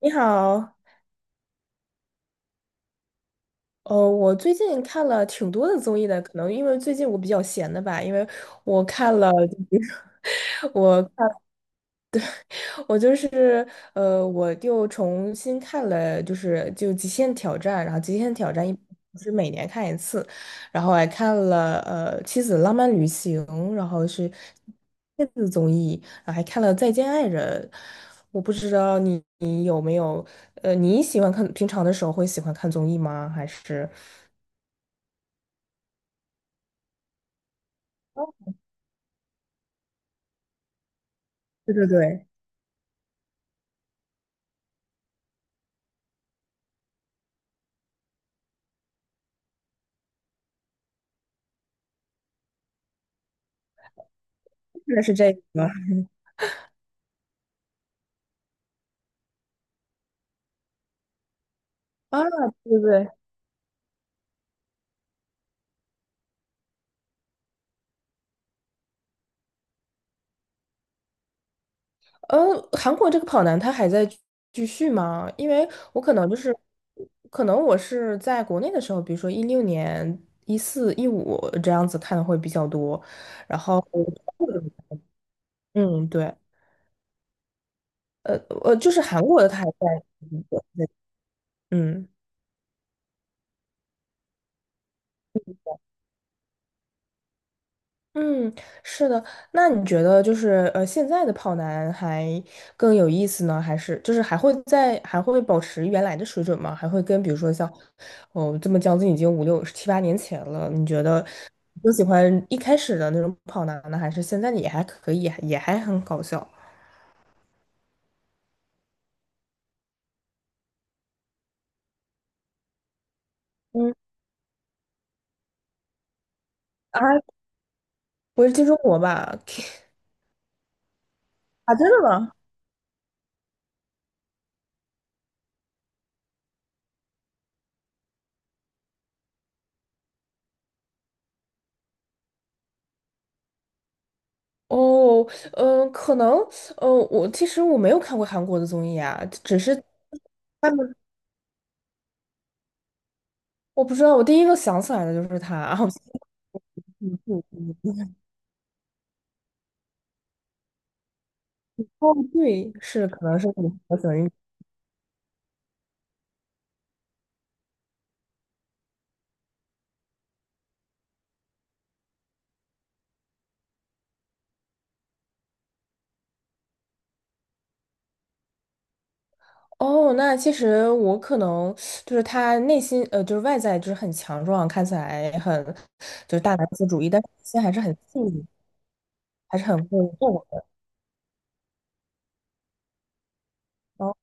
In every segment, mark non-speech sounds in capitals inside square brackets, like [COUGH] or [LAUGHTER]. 你好，我最近看了挺多的综艺的，可能因为最近我比较闲的吧，因为我看了，[LAUGHS] 我看我就是我又重新看了，就是《极限挑战》。然后《极限挑战》一是每年看一次，然后还看了《妻子的浪漫旅行》，然后是电子综艺，然后还看了《再见爱人》。我不知道你你有没有呃，你喜欢看平常的时候会喜欢看综艺吗？还是。哦，对对对，看的是这个。啊，对对对。呃，韩国这个跑男他还在继续吗？因为我可能就是，可能我是在国内的时候，比如说16年、14、15这样子看的会比较多。然后嗯，对，呃就是韩国的他还在。嗯。嗯，是的。那你觉得就是现在的跑男还更有意思呢，还是就是还会保持原来的水准吗？还会跟比如说像哦这么将近已经五六七八年前了，你觉得更喜欢一开始的那种跑男呢，还是现在的也还可以，也还很搞笑？嗯。啊，不是金钟国吧？[LAUGHS] 啊，真的吗？哦。嗯、可能，我其实没有看过韩国的综艺啊，只是。我不知道，我第一个想起来的就是他啊，[LAUGHS] 然后嗯嗯。哦，对，是可能是你我喜欢运动。哦。那其实我可能就是他内心，就是外在就是很强壮，看起来很就是大男子主义，但是内心还是很细腻，还是很会做的。哦。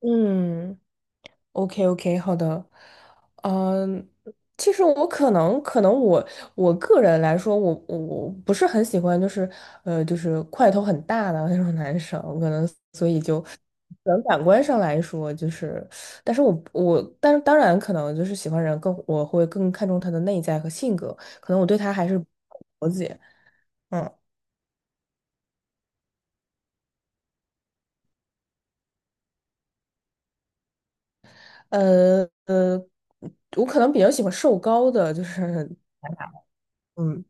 嗯。OK OK，好的。嗯，其实我可能我个人来说，我不是很喜欢，就是就是块头很大的那种男生，可能所以就可能感官上来说，就是，但是我但是当然可能就是喜欢人更我会更看重他的内在和性格，可能我对他还是不了解。嗯。呃呃，我可能比较喜欢瘦高的，就是。嗯。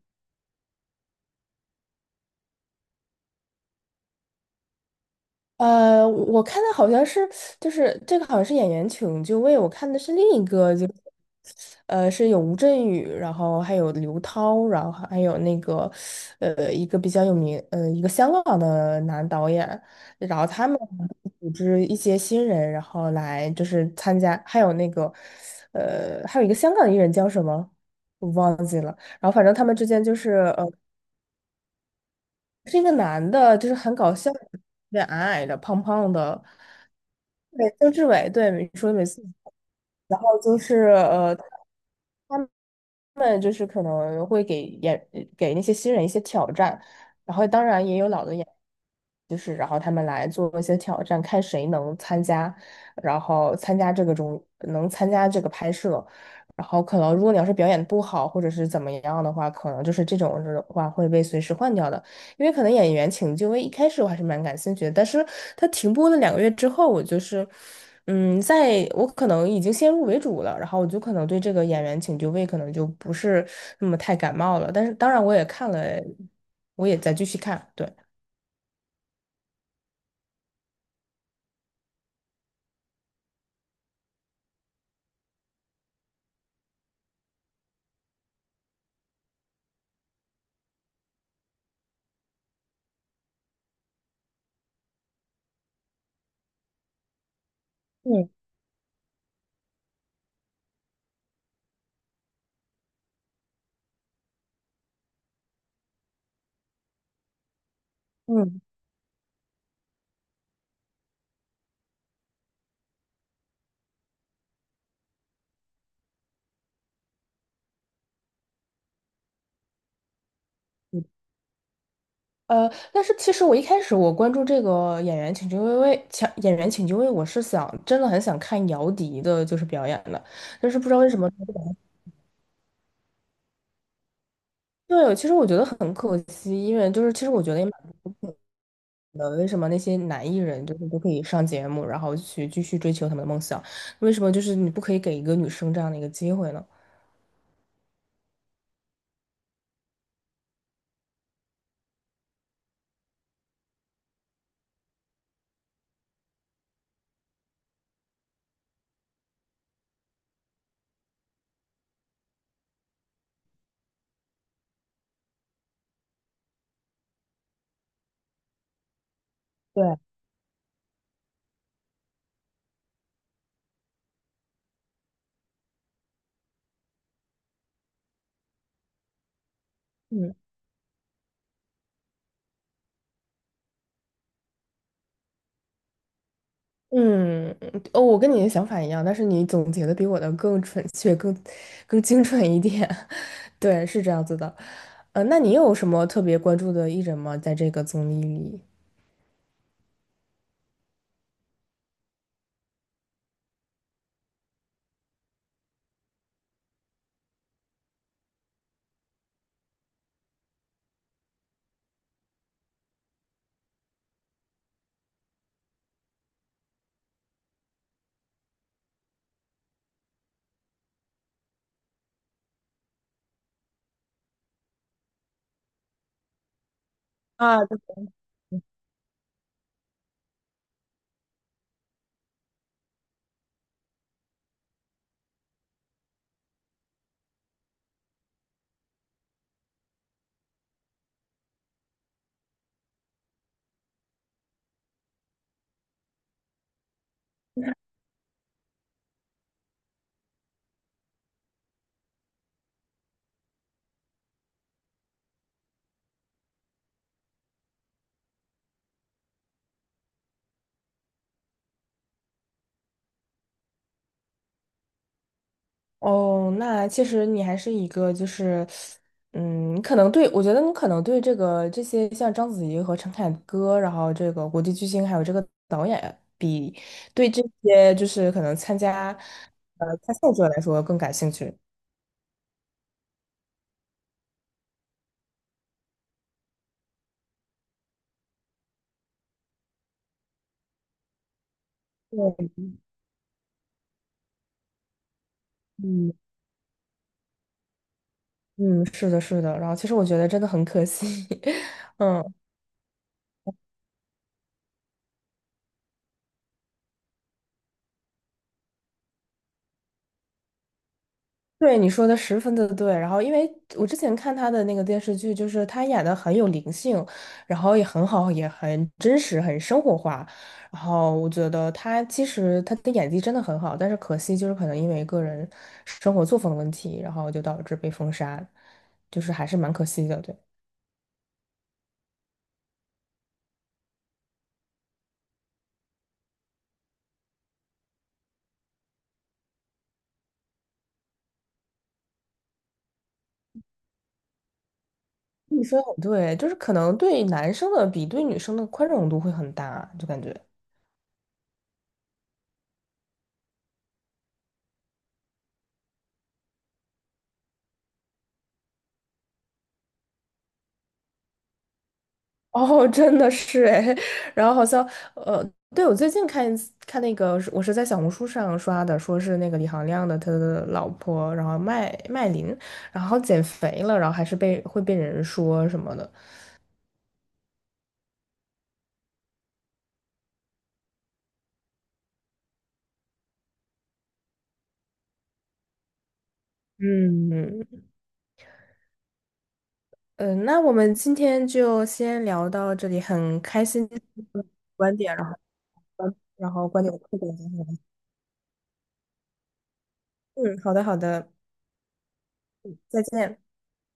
我看的好像是，就是这个好像是演员请就位，我看的是另一个，就是有吴镇宇，然后还有刘涛，然后还有那个一个比较有名一个香港的男导演，然后他们组织一些新人，然后来就是参加，还有那个还有一个香港艺人叫什么？然后反正他们之间就是呃。是一个男的，就是很搞笑，有点矮矮的、胖胖的。对，曾志伟，对，你说的没错。然后就是他们就是可能会给演那些新人一些挑战，然后当然也有老的演，就是然后他们来做一些挑战，看谁能参加，然后参加这个中能参加这个拍摄，然后可能如果你要是表演不好或者是怎么样的话，可能就是这种的话会被随时换掉的。因为可能演员请就位一开始我还是蛮感兴趣的，但是它停播了2个月之后，我就是，嗯，在我可能已经先入为主了，然后我就可能对这个演员请就位可能就不是那么太感冒了，但是当然我也看了，我也在继续看。对。嗯嗯。但是其实我一开始我关注这个演员请就位，请演员请就位，我是想真的很想看姚笛的，就是表演的，但是不知道为什么。对，其实我觉得很可惜，因为就是其实我觉得也蛮。的，为什么那些男艺人就是都可以上节目，然后去继续追求他们的梦想？为什么就是你不可以给一个女生这样的一个机会呢？对。嗯嗯。哦，我跟你的想法一样，但是你总结的比我的更准确、更精准一点。[LAUGHS] 对，是这样子的。那你有什么特别关注的艺人吗？在这个综艺里？哦，那其实你还是一个就是。嗯，你可能对，我觉得你可能对这个这些像章子怡和陈凯歌，然后这个国际巨星，还有这个导演，比对这些就是可能参赛者来说更感兴趣。对。嗯嗯，是的，是的。然后其实我觉得真的很可惜。[LAUGHS] 嗯。对，你说的十分的对。然后，因为我之前看他的那个电视剧，就是他演的很有灵性，然后也很好，也很真实，很生活化。然后我觉得他其实他的演技真的很好，但是可惜就是可能因为个人生活作风的问题，然后就导致被封杀，就是还是蛮可惜的。对，你说的很对，就是可能对男生的比对女生的宽容度会很大，就感觉。[LAUGHS] 哦，真的是哎。[LAUGHS] 然后好像呃，对我最近看一次看那个，我是在小红书上刷的，说是那个李行亮的他的老婆，然后麦麦琳，然后减肥了，然后还是被会被人说什么的。嗯嗯。那我们今天就先聊到这里，很开心 [LAUGHS] 观点，然后观点互动。嗯，好的好的，再见。